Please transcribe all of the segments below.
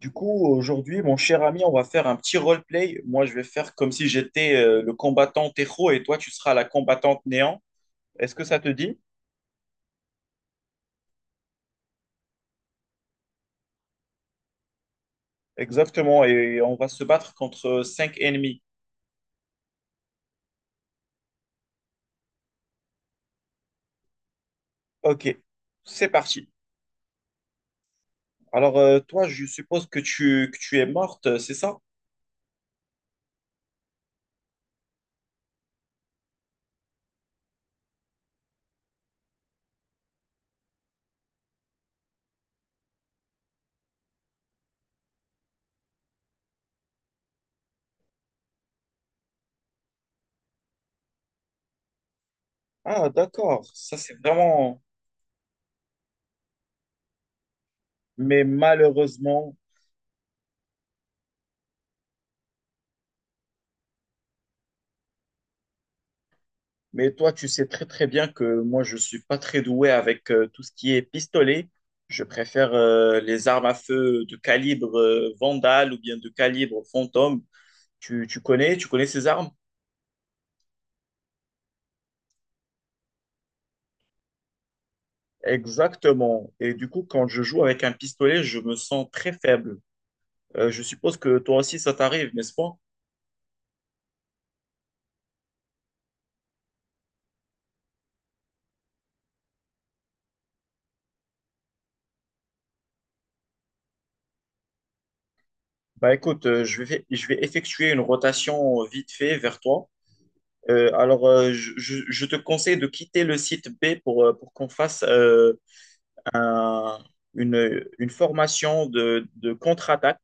Du coup, aujourd'hui, mon cher ami, on va faire un petit roleplay. Moi, je vais faire comme si j'étais le combattant héros et toi, tu seras la combattante néant. Est-ce que ça te dit? Exactement. Et on va se battre contre 5 ennemis. Ok, c'est parti. Alors, toi, je suppose que tu es morte, c'est ça? Ah, d'accord. Ça, c'est vraiment... Mais malheureusement, mais toi, tu sais très très bien que moi, je suis pas très doué avec tout ce qui est pistolet. Je préfère les armes à feu de calibre Vandal ou bien de calibre Fantôme. Tu connais ces armes? Exactement. Et du coup, quand je joue avec un pistolet, je me sens très faible. Je suppose que toi aussi, ça t'arrive, n'est-ce pas? Bah écoute, je vais effectuer une rotation vite fait vers toi. Je te conseille de quitter le site B pour qu'on fasse un- une formation de contre-attaque.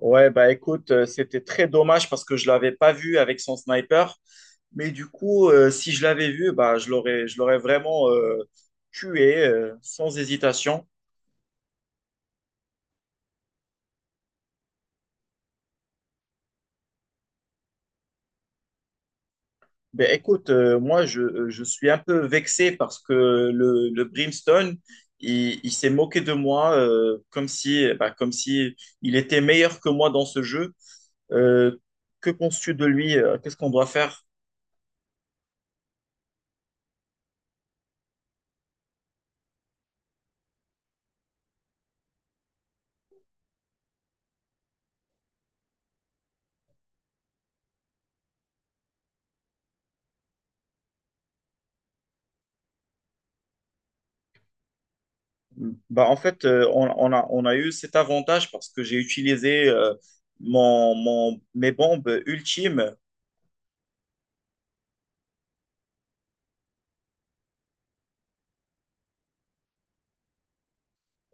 Ouais, bah écoute, c'était très dommage parce que je l'avais pas vu avec son sniper. Mais du coup, si je l'avais vu, bah, je l'aurais vraiment tué sans hésitation. Mais écoute, moi, je suis un peu vexé parce que le Brimstone, il s'est moqué de moi comme si, bah, comme si il était meilleur que moi dans ce jeu. Euh, que penses-tu de lui? Qu'est-ce qu'on doit faire? Bah, en fait, on a eu cet avantage parce que j'ai utilisé mes bombes ultimes.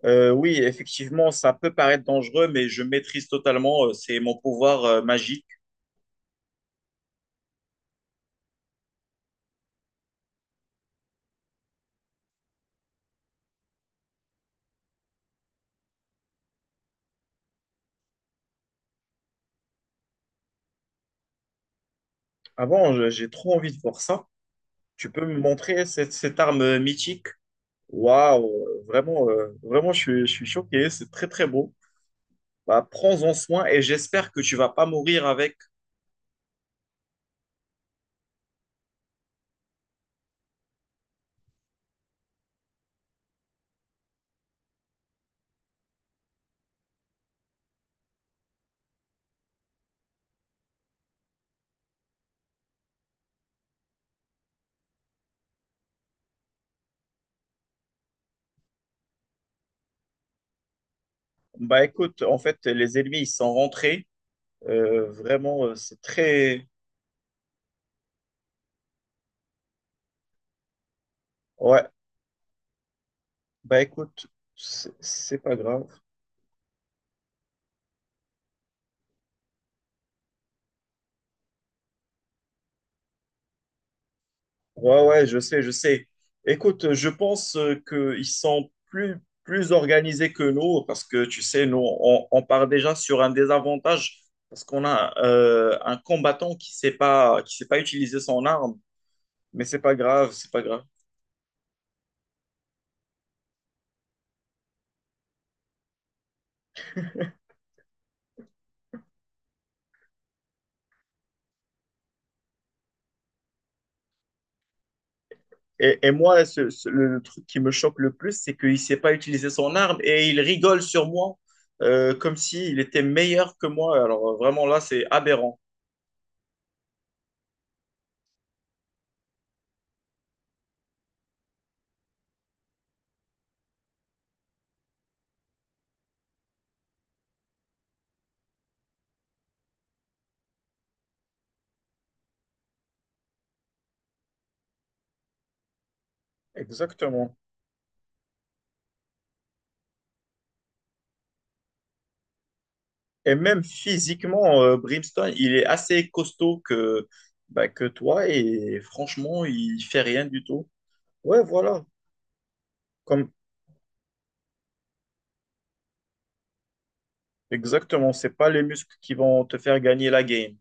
Oui, effectivement, ça peut paraître dangereux, mais je maîtrise totalement. C'est mon pouvoir magique. J'ai trop envie de voir ça. Tu peux me montrer cette arme mythique? Waouh, vraiment, je suis choqué. C'est très, très beau. Bah, prends-en soin et j'espère que tu vas pas mourir avec. Bah, écoute, en fait, les ennemis, ils sont rentrés. C'est très, ouais, bah écoute, c'est pas grave. Ouais, je sais. Écoute, je pense qu'ils sont plus organisés que nous parce que, tu sais, nous, on part déjà sur un désavantage parce qu'on a un combattant qui sait pas utiliser son arme, mais c'est pas grave. Et moi, le truc qui me choque le plus, c'est qu'il sait pas utiliser son arme et il rigole sur moi comme s'il était meilleur que moi. Alors vraiment, là, c'est aberrant. Exactement. Et même physiquement, Brimstone, il est assez costaud que, bah, que toi et franchement, il fait rien du tout. Ouais, voilà. Comme, exactement, c'est pas les muscles qui vont te faire gagner la game.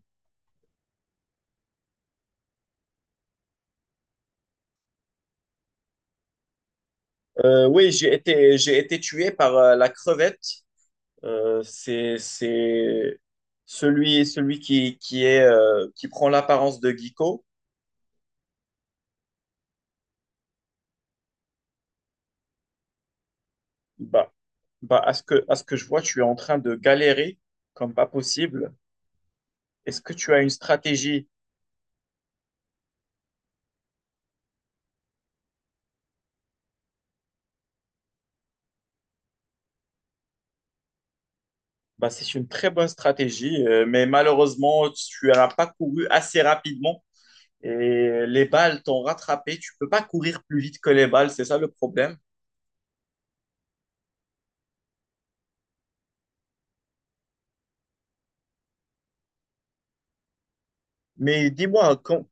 Oui, j'ai été tué par la crevette. Euh, c'est, c'est celui qui, qui prend l'apparence de Giko. Bah, à ce que je vois, tu es en train de galérer comme pas possible. Est-ce que tu as une stratégie? Bah, c'est une très bonne stratégie, mais malheureusement, tu n'as pas couru assez rapidement et les balles t'ont rattrapé. Tu peux pas courir plus vite que les balles, c'est ça le problème. Mais dis-moi, quand,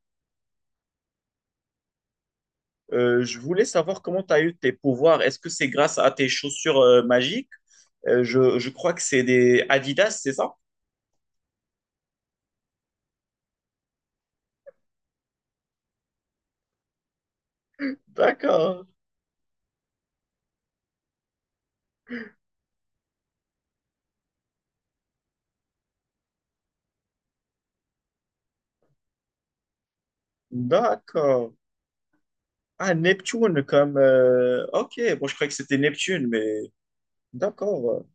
je voulais savoir comment tu as eu tes pouvoirs. Est-ce que c'est grâce à tes chaussures magiques? Je crois que c'est des Adidas, c'est ça? D'accord, d'accord. Ah, Neptune, comme... Ok, bon, je croyais que c'était Neptune, mais d'accord.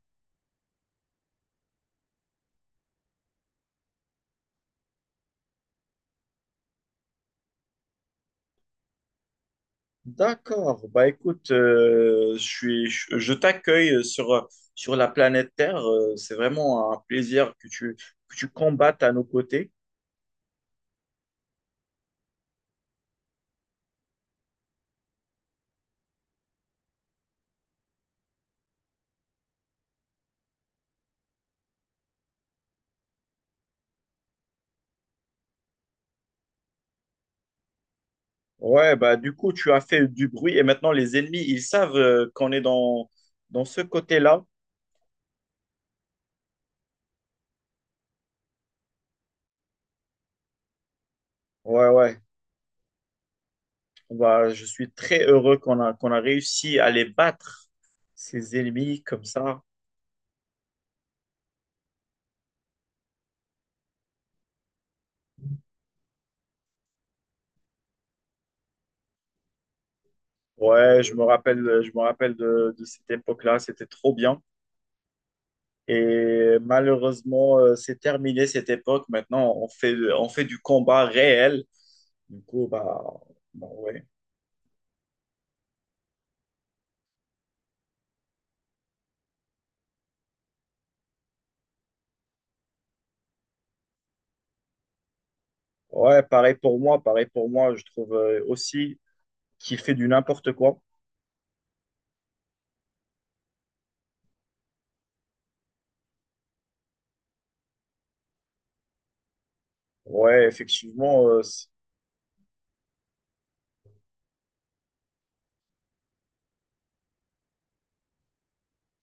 D'accord. Bah écoute, je suis, je t'accueille sur la planète Terre. C'est vraiment un plaisir que tu combattes à nos côtés. Ouais, bah du coup, tu as fait du bruit et maintenant les ennemis, ils savent qu'on est dans ce côté-là. Ouais, ouais. Bah, je suis très heureux qu'on a réussi à les battre, ces ennemis comme ça. Ouais, je me rappelle de cette époque-là. C'était trop bien. Et malheureusement, c'est terminé cette époque. Maintenant, on fait du combat réel. Du coup, bah, bah, ouais. Ouais, pareil pour moi, pareil pour moi. Je trouve aussi qu'il fait du n'importe quoi. Ouais, effectivement.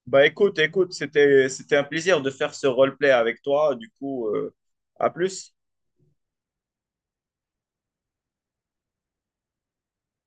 Bah, écoute, c'était un plaisir de faire ce roleplay avec toi. Du coup, à plus.